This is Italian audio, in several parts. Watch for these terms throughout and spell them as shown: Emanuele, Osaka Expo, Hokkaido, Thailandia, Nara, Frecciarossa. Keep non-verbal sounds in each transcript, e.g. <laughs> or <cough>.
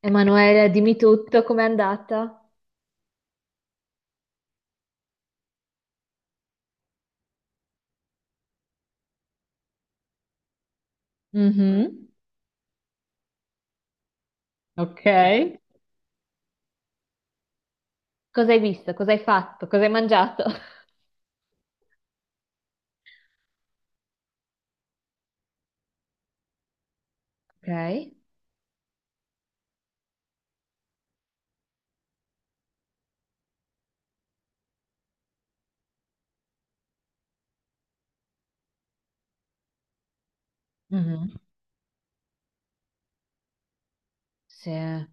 Emanuele, dimmi tutto, com'è andata? Mhm. Ok. Cosa hai visto? Cosa hai fatto? Cosa hai mangiato? Ok. Mhm. Sì, ma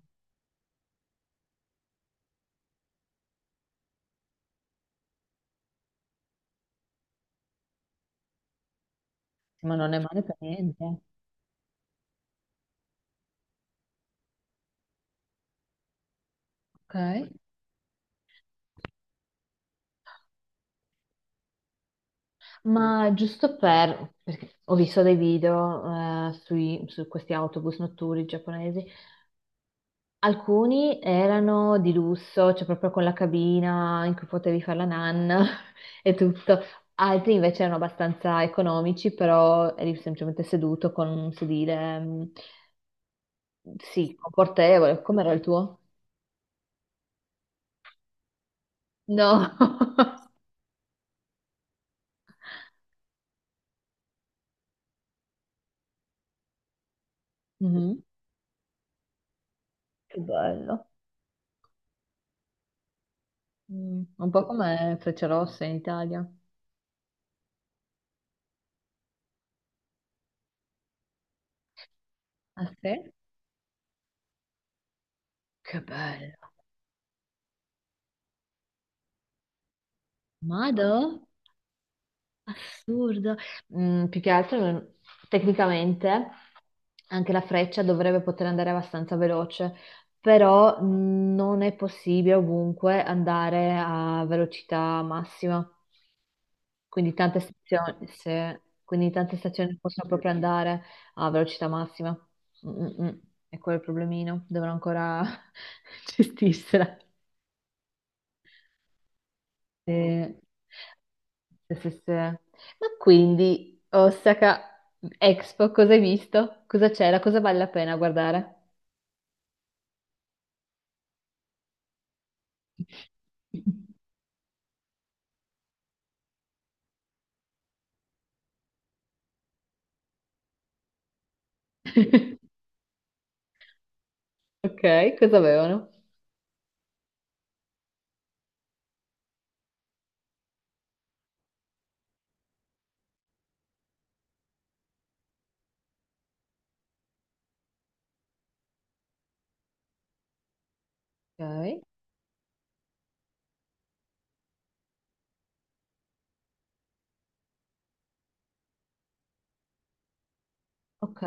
non è male per niente. Ok. Ma giusto per, perché ho visto dei video sui- su questi autobus notturni giapponesi. Alcuni erano di lusso, cioè proprio con la cabina in cui potevi fare la nanna <laughs> e tutto. Altri invece erano abbastanza economici, però eri semplicemente seduto con un sedile, mm, sì, confortevole. Com'era il tuo? No. <laughs> Mhm. Che bello. Mm, un po' come Frecciarossa in Italia. Ah sì? Che bello. Mado? Assurdo. Mm, più che altro, non- tecnicamente, anche la freccia dovrebbe poter andare abbastanza veloce, però mm, non è possibile ovunque andare a velocità massima. Quindi tante stazioni, se- quindi tante stazioni possono proprio andare a velocità massima. Mm, mm, mm. E quello è il problemino, dovrò ancora <laughs> gestirsela. Sì, sì, sì, sì. Ma quindi, Osaka Expo, cosa hai visto? Cosa c'era? Cosa vale la pena guardare? <laughs> Ok, cosa avevano? Ok, ok,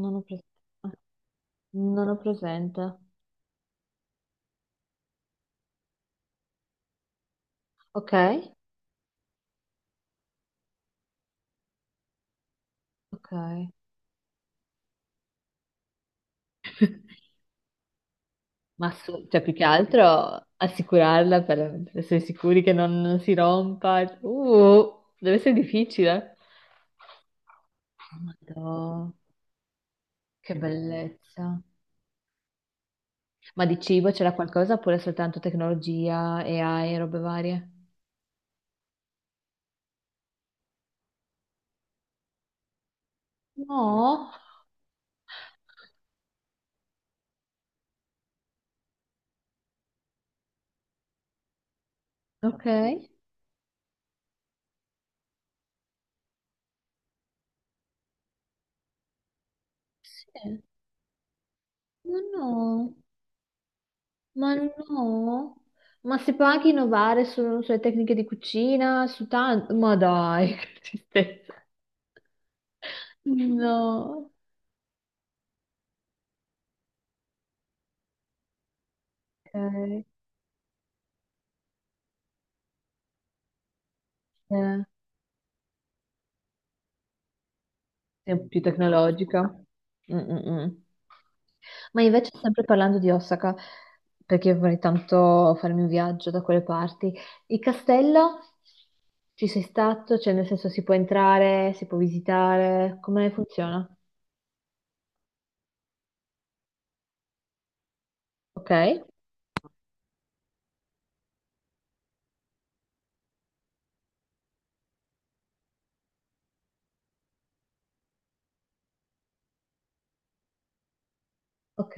non ho pres- ah, non ho presente. Ok, ok. <laughs> Ma su- cioè, più che altro assicurarla per essere sicuri che non si rompa. Deve essere difficile. Oh, Madonna. Che bellezza. Ma di cibo c'era qualcosa oppure soltanto tecnologia, AI e robe varie? No, ok. Sì. Ma no, ma no. Ma si può anche innovare su- sulle tecniche di cucina, su tanto. Ma dai, <laughs> che tristezza. No. Ok. Eh. Sì, più tecnologica. Mm, mm, mm. Ma invece, sempre parlando di Osaka, perché io vorrei tanto farmi un viaggio da quelle parti, il castello ci sei stato? Cioè, nel senso, si può entrare, si può visitare, come funziona? Ok, ok.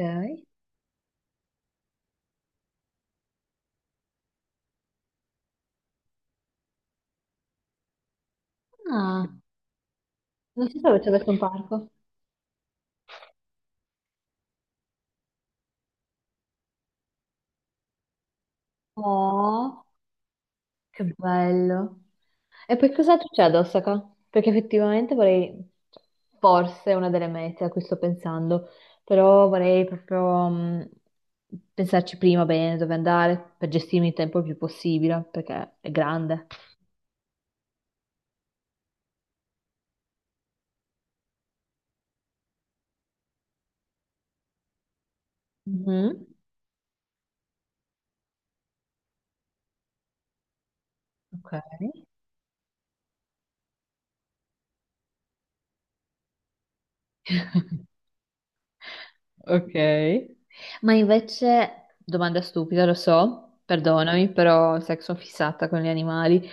Ah, non si sapevo ci avesse un parco. Oh. Che bello. E poi cosa c'è ad Osaka? Perché effettivamente vorrei, cioè, forse è una delle mete a cui sto pensando, però vorrei proprio pensarci prima bene dove andare per gestirmi il tempo il più possibile, perché è grande. Mhm. Ok. <laughs> Ok. Ma invece, domanda stupida, lo so, perdonami, però sai che sono fissata con gli animali.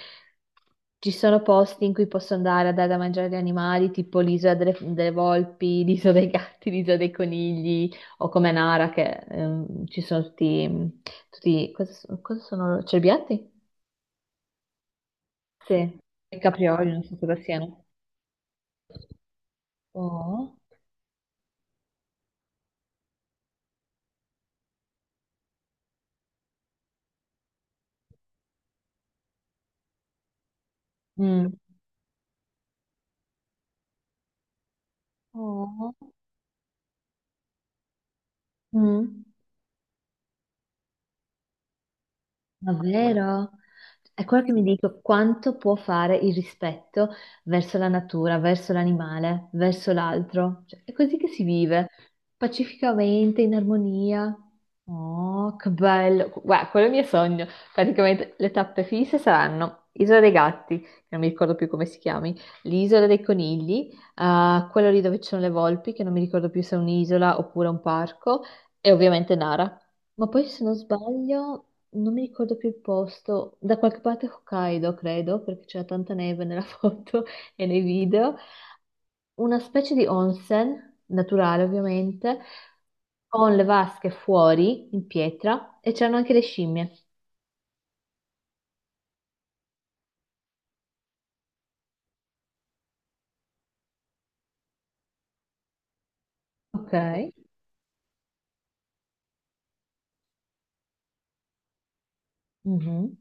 Ci sono posti in cui posso andare a dare da mangiare agli animali, tipo l'isola delle, delle volpi, <laughs> l'isola dei gatti, <laughs> l'isola dei conigli, o come Nara, che ci sono tutti, tutti cosa, so- cosa sono? Cerbiatti? Sì, i caprioli, non so cosa siano. Oh. Mm. Oh. Mm. Davvero? È quello che mi dico, quanto può fare il rispetto verso la natura, verso l'animale, verso l'altro? Cioè, è così che si vive, pacificamente, in armonia. Oh, che bello! Guarda, quello è il mio sogno. Praticamente le tappe fisse saranno Isola dei Gatti, che non mi ricordo più come si chiami, l'Isola dei Conigli, quello lì dove ci sono le volpi, che non mi ricordo più se è un'isola oppure un parco, e ovviamente Nara. Ma poi se non sbaglio non mi ricordo più il posto, da qualche parte Hokkaido, credo, perché c'era tanta neve nella <laughs> foto e nei video, una specie di onsen, naturale ovviamente, con le vasche fuori in pietra e c'erano anche le scimmie. Ok. Mhm.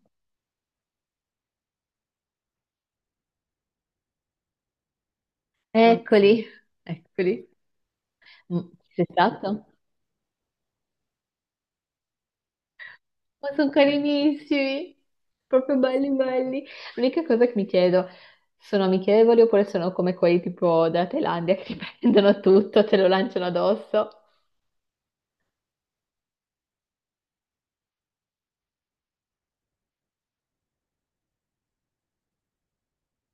Ok. Eccoli, eccoli. Mm, sei stato? Ma sono carinissimi, proprio belli belli. L'unica cosa che mi chiedo, sono amichevoli oppure sono come quelli tipo della Thailandia che ti <laughs> prendono tutto, te lo lanciano addosso?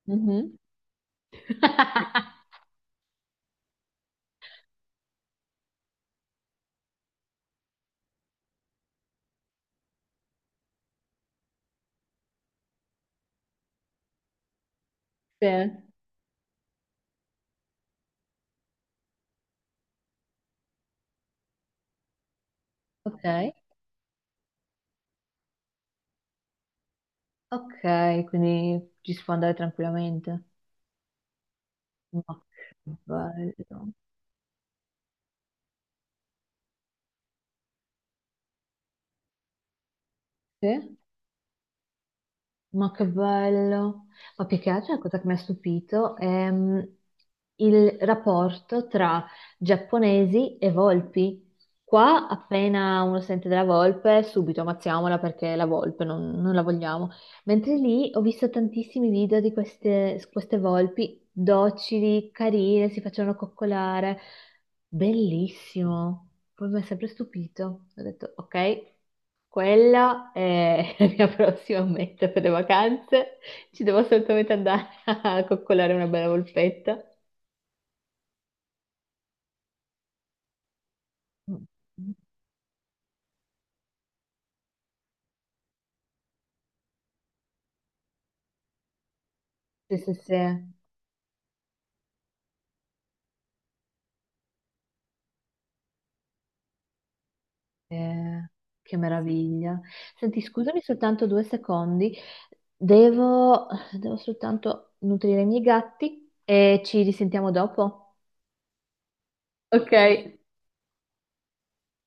Mhm. <laughs> Sì. Ok, ok, quindi ci si può andare tranquillamente. Ma che bello. Sì? Ma che bello! Ma più che altro la cosa che mi ha stupito è mm, il rapporto tra giapponesi e volpi. Qua appena uno sente della volpe, subito ammazziamola perché è la volpe, non, non la vogliamo. Mentre lì ho visto tantissimi video di queste, queste volpi docili, carine, si facevano coccolare. Bellissimo! Poi mi ha sempre stupito. Ho detto, ok. Quella è la mia <laughs> prossima meta per le vacanze. Ci devo assolutamente andare a coccolare una bella volpetta. Sì, sì, sì. Eh, che meraviglia. Senti, scusami soltanto due secondi. Devo, devo soltanto nutrire i miei gatti e ci risentiamo dopo. Ok.